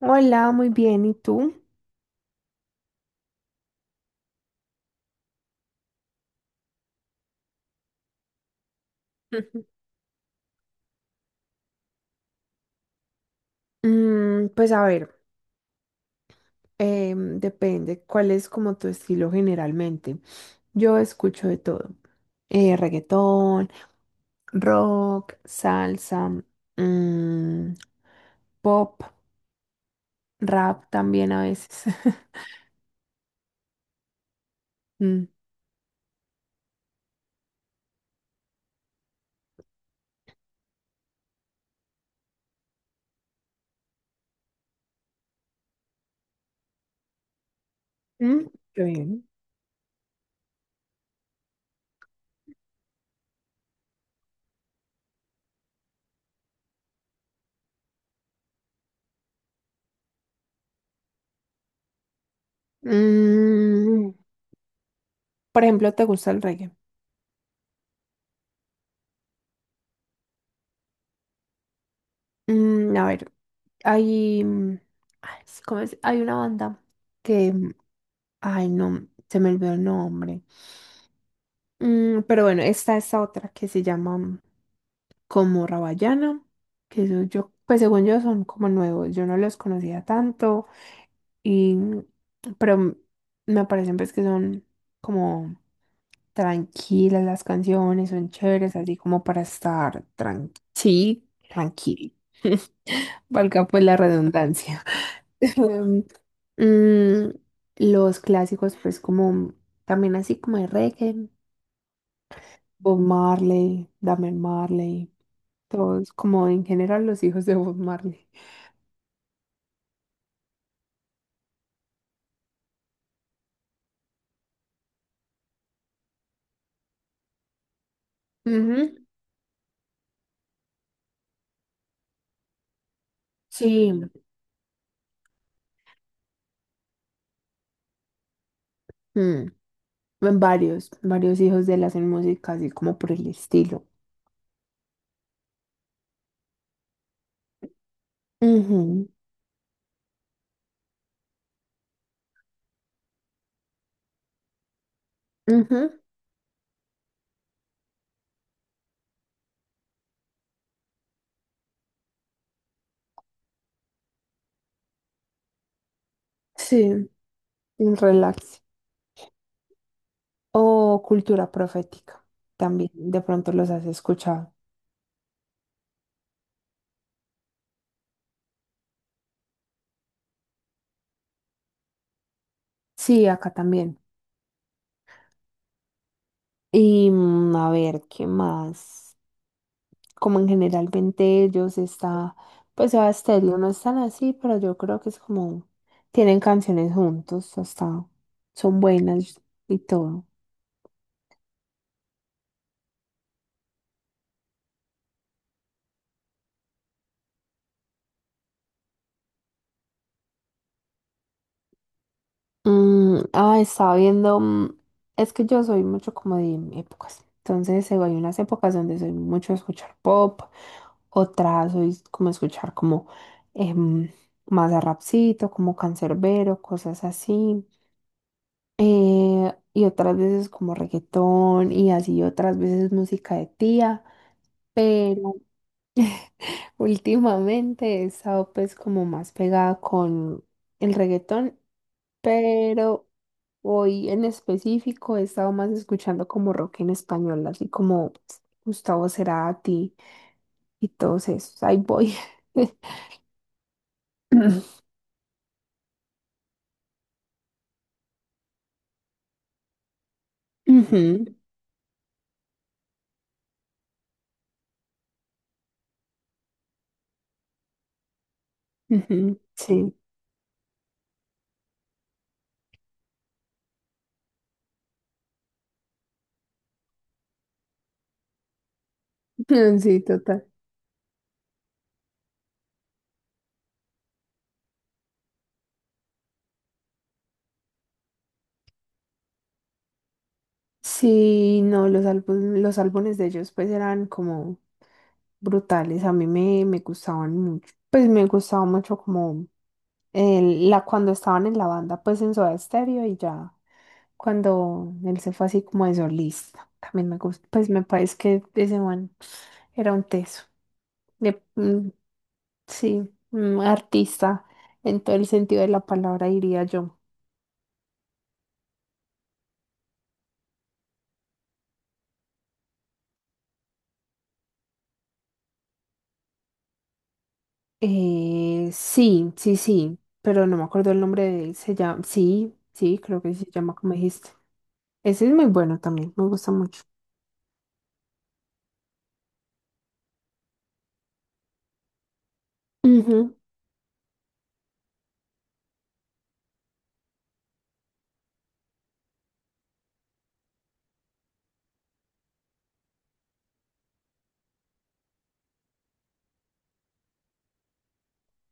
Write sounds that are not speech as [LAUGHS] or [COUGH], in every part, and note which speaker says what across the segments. Speaker 1: Hola, muy bien. ¿Y tú? [LAUGHS] Pues a ver, depende cuál es como tu estilo generalmente. Yo escucho de todo. Reggaetón, rock, salsa, mm, pop, rap también a veces. [LAUGHS] Mm, mm, Qué bien. Mm, por ejemplo, ¿te gusta el reggae? A ver, hay, mm, ay, sí, ¿cómo es? Hay una banda que, ay, no, se me olvidó el nombre. Mm, pero bueno, está esta otra que se llama como Rabayana, que eso yo, pues según yo son como nuevos, yo no los conocía tanto, y, pero mm, me parecen pues que son como tranquilas, las canciones son chéveres, así como para estar sí, tranquilo. [LAUGHS] Valga pues la redundancia. [LAUGHS] Em, mm, los clásicos, pues como también así como de reggae, Bob Marley, Damian Marley, todos como en general los hijos de Bob Marley. Ujú, sí, mm, en varios hijos de él hacen música así como por el estilo. Ujú, ujú, sí, un relax. O cultura profética. También, de pronto los has escuchado. Sí, acá también. Y a ver, ¿qué más? Como en generalmente ellos está, pues Soda Stereo no están así, pero yo creo que es como, tienen canciones juntos, hasta son buenas y todo. Ah, estaba viendo, es que yo soy mucho como de épocas, entonces hay unas épocas donde soy mucho de escuchar pop, otras soy como escuchar como em, más a rapcito, como cancerbero cosas así, y otras veces como reggaetón y así otras veces música de tía. Últimamente he estado pues como más pegada con el reggaetón, pero hoy en específico he estado más escuchando como rock en español, así como Gustavo Cerati y todos esos. Ahí voy. [LAUGHS] Ujú, ujú, sí, [LAUGHS] sí, total. Sí, no, los los álbumes de ellos pues eran como brutales, a mí me gustaban mucho, pues me gustaba mucho como la, cuando estaban en la banda pues en Soda Stereo y ya cuando él se fue así como de solista, también me gusta, pues me parece que ese man era un teso, de- mm, sí, un artista en todo el sentido de la palabra diría yo. Eh, sí, pero no me acuerdo el nombre de él. Se llama, sí, sí, creo que se llama como dijiste. Ese es muy bueno también, me gusta mucho. Ujú.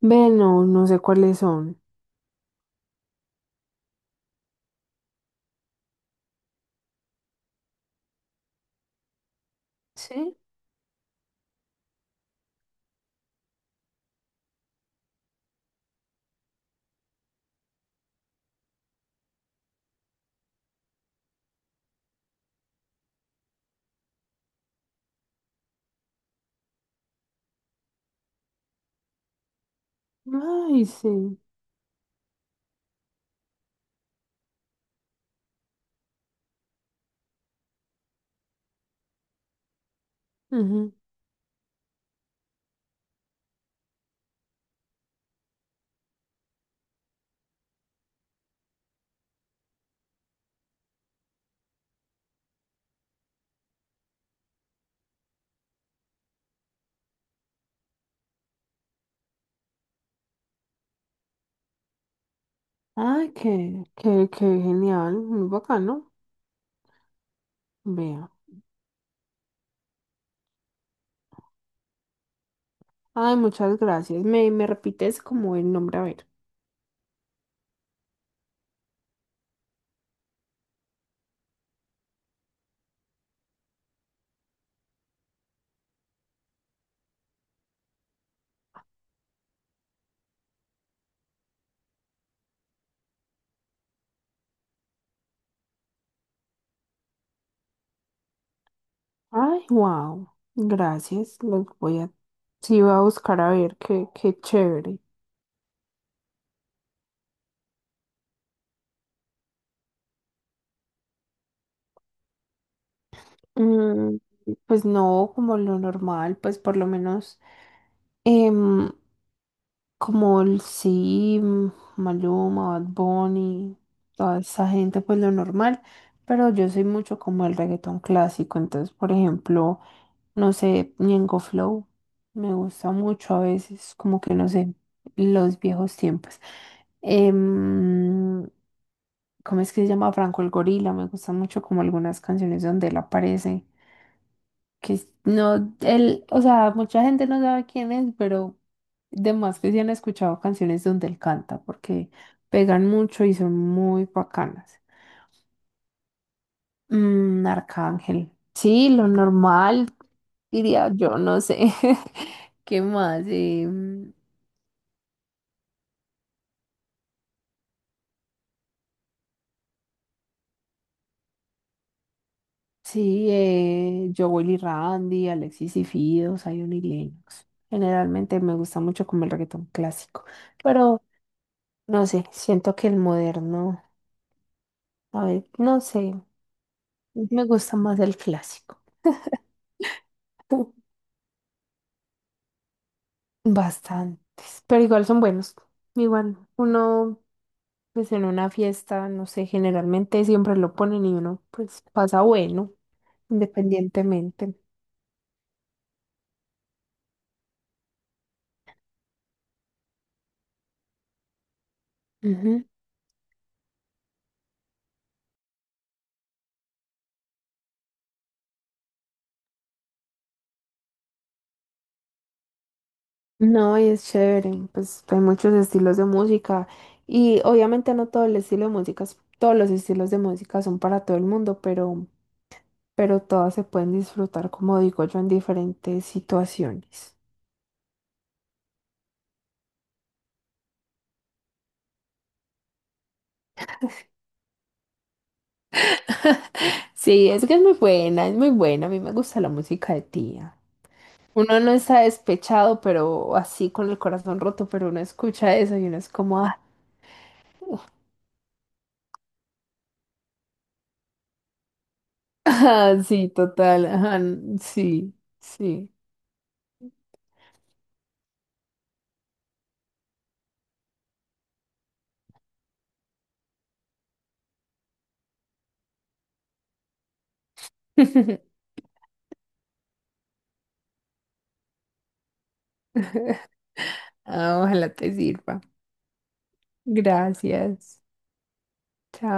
Speaker 1: Ve, no, no sé cuáles son. Sí. Ay, sí. Ujú. Ay, qué, qué, qué genial, muy bacano. Vea. Ay, muchas gracias. Me repites como el nombre, a ver. Ay, wow. Gracias. Los voy a. Sí, voy a buscar a ver qué, qué chévere. Mm, pues no, como lo normal, pues por lo menos em, como el Sim, Maluma, Bad Bunny, toda esa gente, pues lo normal, pero yo soy mucho como el reggaetón clásico, entonces por ejemplo, no sé, Ñengo Flow, me gusta mucho a veces, como que no sé, los viejos tiempos. Em, ¿Cómo es que se llama? Franco el Gorila, me gusta mucho como algunas canciones donde él aparece que no, él, o sea, mucha gente no sabe quién es, pero de más que sí han escuchado canciones donde él canta, porque pegan mucho y son muy bacanas. Mm, Arcángel, sí, lo normal, diría yo, no sé. [LAUGHS] ¿Qué más? Sí, Jowell y Randy, Alexis y Fido, Zion y Lennox. Generalmente me gusta mucho como el reggaetón clásico, pero no sé, siento que el moderno, a ver, no sé. Me gusta más el clásico. Pu- Bastantes, pero igual son buenos. Igual uno, pues en una fiesta, no sé, generalmente siempre lo ponen y uno, pues pasa bueno, independientemente. Ujú. No, y es chévere, pues hay muchos estilos de música y obviamente no todo el estilo de música, todos los estilos de música son para todo el mundo, pero todas se pueden disfrutar, como digo yo, en diferentes situaciones. Sí, es que es muy buena, es muy buena. A mí me gusta la música de tía. Uno no está despechado, pero así con el corazón roto, pero uno escucha eso y uno es como, ah, [LAUGHS] ah, sí, total, ajá, sí, sí. [LAUGHS] Ah, ojalá te sirva. Gracias. Chao.